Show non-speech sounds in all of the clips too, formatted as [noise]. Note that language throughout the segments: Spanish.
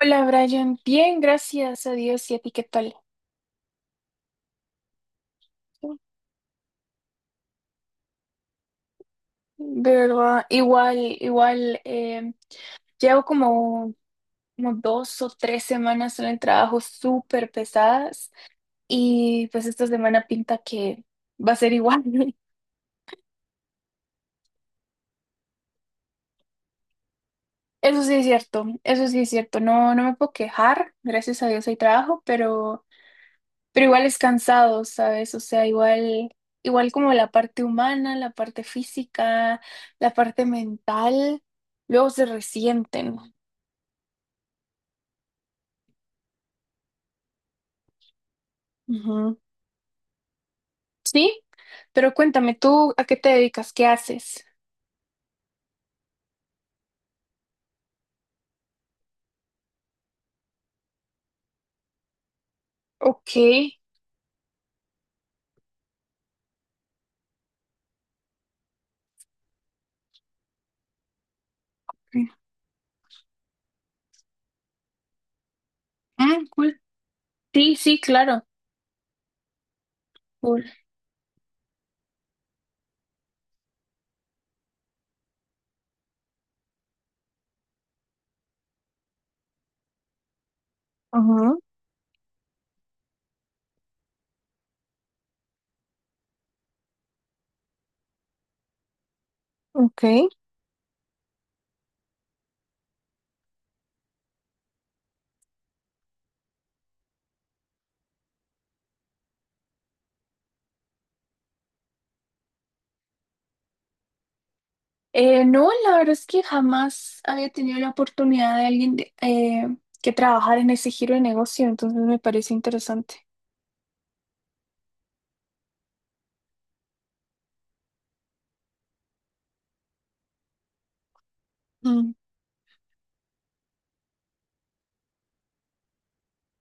Hola Brian, bien, gracias a Dios y a ti, ¿qué tal? De verdad, igual, igual, llevo como dos o tres semanas en el trabajo súper pesadas y pues esta semana pinta que va a ser igual. [laughs] Eso sí es cierto, eso sí es cierto, no, no me puedo quejar, gracias a Dios hay trabajo, pero... Pero igual es cansado, ¿sabes? O sea, igual, igual como la parte humana, la parte física, la parte mental, luego se resienten. Ujú. Sí, pero cuéntame, ¿tú a qué te dedicas? ¿Qué haces? Ok. Mm, cool. Sí, sí, claro. Cool. Ajá, ok. No, la verdad es que jamás había tenido la oportunidad de alguien que trabajar en ese giro de negocio, entonces me parece interesante. Mm,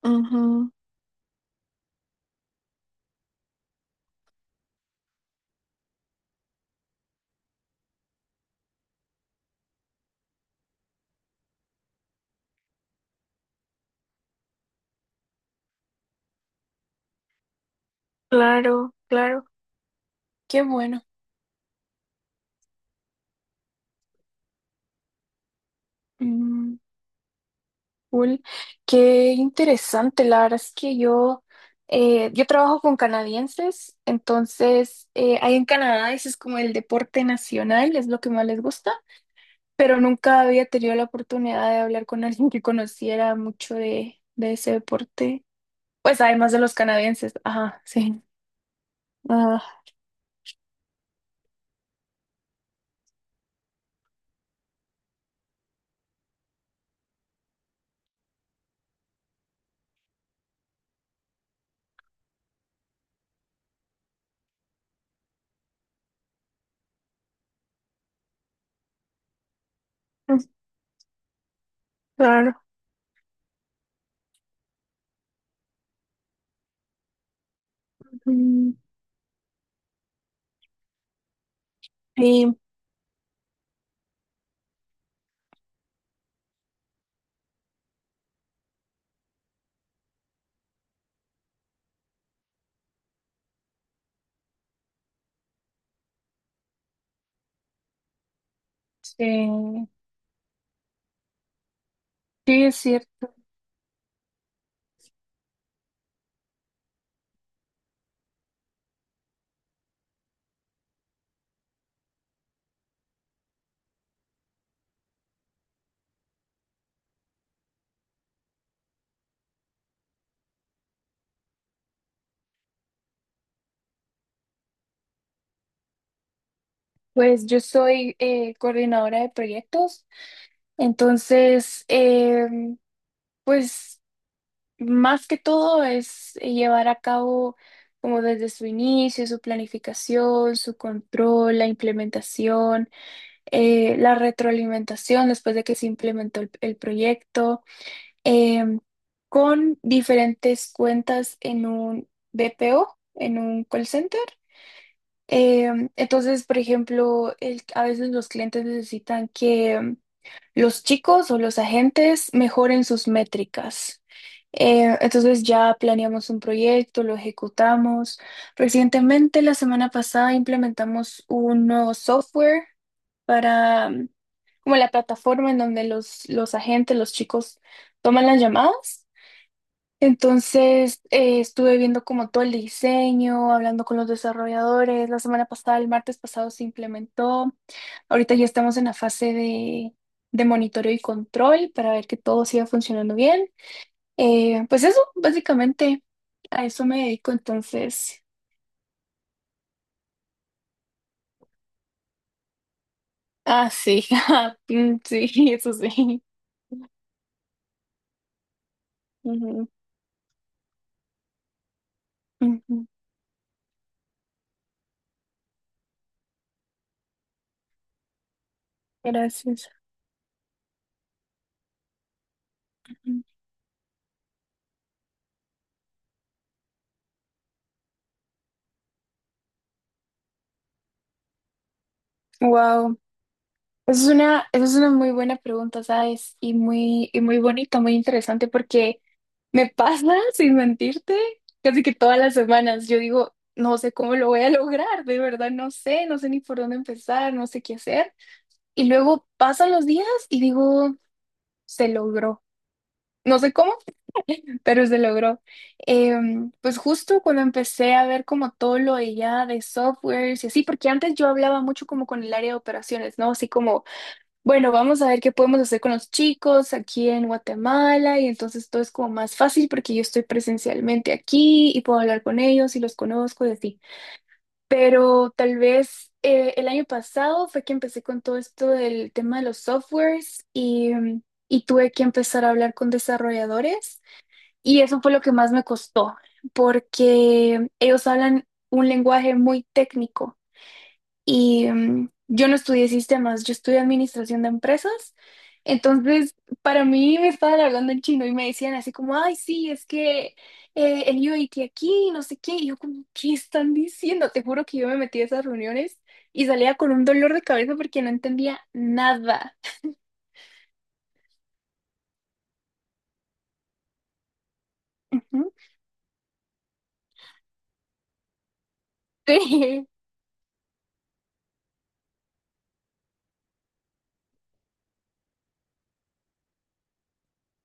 ujú. Claro, claro, qué bueno. Mm, cool. Qué interesante. La verdad es que yo trabajo con canadienses, entonces ahí en Canadá ese es como el deporte nacional, es lo que más les gusta, pero nunca había tenido la oportunidad de hablar con [laughs] alguien que conociera mucho de ese deporte. Pues además de los canadienses, ajá, sí. Ah, claro. Mm, y, sí, sí, es cierto. Pues yo soy coordinadora de proyectos, entonces, pues más que todo es llevar a cabo como desde su inicio, su planificación, su control, la implementación, la retroalimentación después de que se implementó el proyecto, em, con diferentes cuentas en un BPO, en un call center. Entonces, por ejemplo, a veces los clientes necesitan que los chicos o los agentes mejoren sus métricas. Entonces ya planeamos un proyecto, lo ejecutamos. Recientemente, la semana pasada, implementamos un nuevo software para como la plataforma en donde los agentes, los chicos toman las llamadas. Entonces, estuve viendo como todo el diseño, hablando con los desarrolladores. La semana pasada, el martes pasado, se implementó. Ahorita ya estamos en la fase de monitoreo y control para ver que todo siga funcionando bien. Pues eso, básicamente, a eso me dedico entonces. Ah, sí, [laughs] ah, mm, sí, eso sí. Ujú, ujú. Gracias. Wow. Esa es una muy buena pregunta, ¿sabes? Y muy bonita, muy interesante, porque me pasa, [laughs] sin mentirte, casi que todas las semanas yo digo, no sé cómo lo voy a [laughs] lograr, de verdad no sé, no sé ni por dónde empezar, no sé qué hacer. Y luego pasan los días y digo, se logró. No sé cómo, pero se logró. Pues justo cuando empecé a ver como todo lo de ya de softwares y así, porque antes yo hablaba mucho como con el área de operaciones, ¿no? Así como bueno, vamos a ver qué podemos hacer con los chicos aquí en Guatemala y entonces todo es como más fácil porque yo estoy presencialmente aquí y puedo hablar con ellos y los conozco y así. Pero tal vez el año pasado fue que empecé con todo esto del tema de los softwares y tuve que empezar a hablar con desarrolladores y eso fue lo que más me costó porque ellos hablan un lenguaje muy técnico. Y yo no estudié sistemas, yo estudié administración de empresas. Entonces, para mí me estaban hablando en chino y me decían así como, ay, sí, es que el UAT aquí, no sé qué. Y yo como, ¿qué están diciendo? Te juro que yo me metí a esas reuniones y salía con un dolor de cabeza porque no entendía nada. Ujú. [laughs] Sí,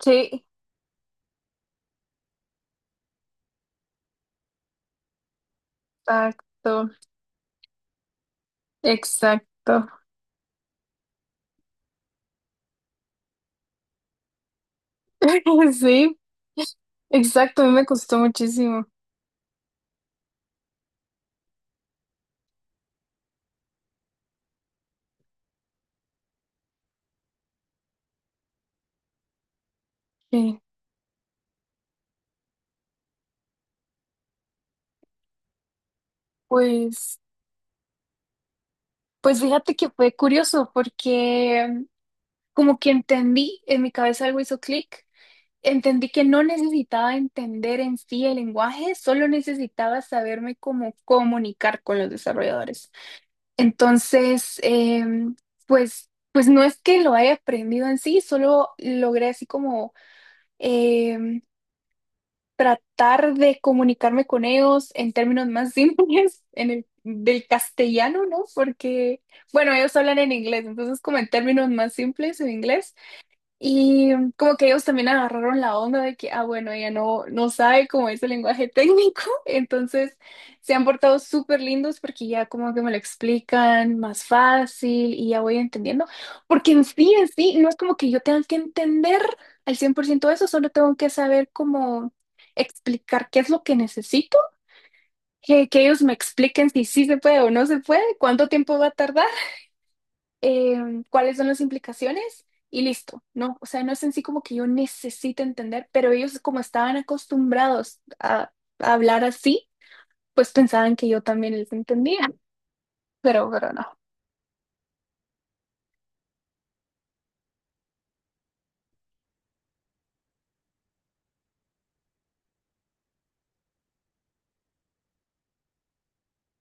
sí, exacto, exacto. [laughs] Sí, exacto, a mí me costó muchísimo. Sí. Pues Pues fíjate que fue curioso porque como que entendí, en mi cabeza algo hizo clic, entendí que no necesitaba entender en sí el lenguaje, solo necesitaba saberme cómo comunicar con los desarrolladores. Entonces, pues no es que lo haya aprendido en sí, solo logré así como em, tratar de comunicarme con ellos en términos más [laughs] simples, en del castellano, ¿no? Porque, bueno, ellos hablan en inglés, entonces como en términos más simples en inglés. Y como que ellos también agarraron la onda de que, ah, bueno, ella no, no sabe cómo es el lenguaje técnico, [laughs] entonces se han portado súper lindos porque ya como que me lo explican más fácil y ya voy entendiendo, porque en sí, no es como que yo tenga que entender al 100% eso, solo tengo que saber cómo explicar qué es lo que necesito, que ellos me expliquen si sí se puede o no se puede, cuánto tiempo va a tardar cuáles son las implicaciones y listo, ¿no? O sea, no es en sí como que yo necesite entender, pero ellos como estaban acostumbrados a hablar así, pues pensaban que yo también les entendía, pero no.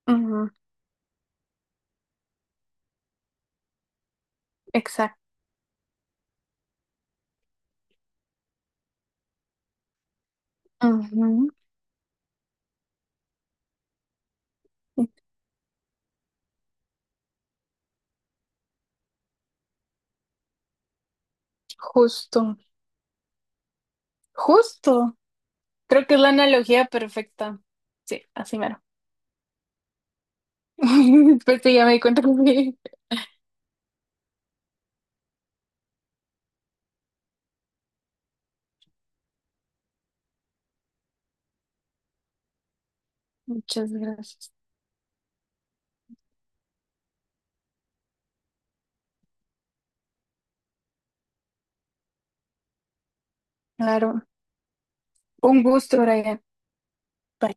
Ujú, exacto. Ujú, justo, justo. Creo que es la analogía perfecta. Sí, así mero. [laughs] Después sí, ya me di cuenta que sí. Muchas gracias. Claro. Un gusto, Brian. Bye.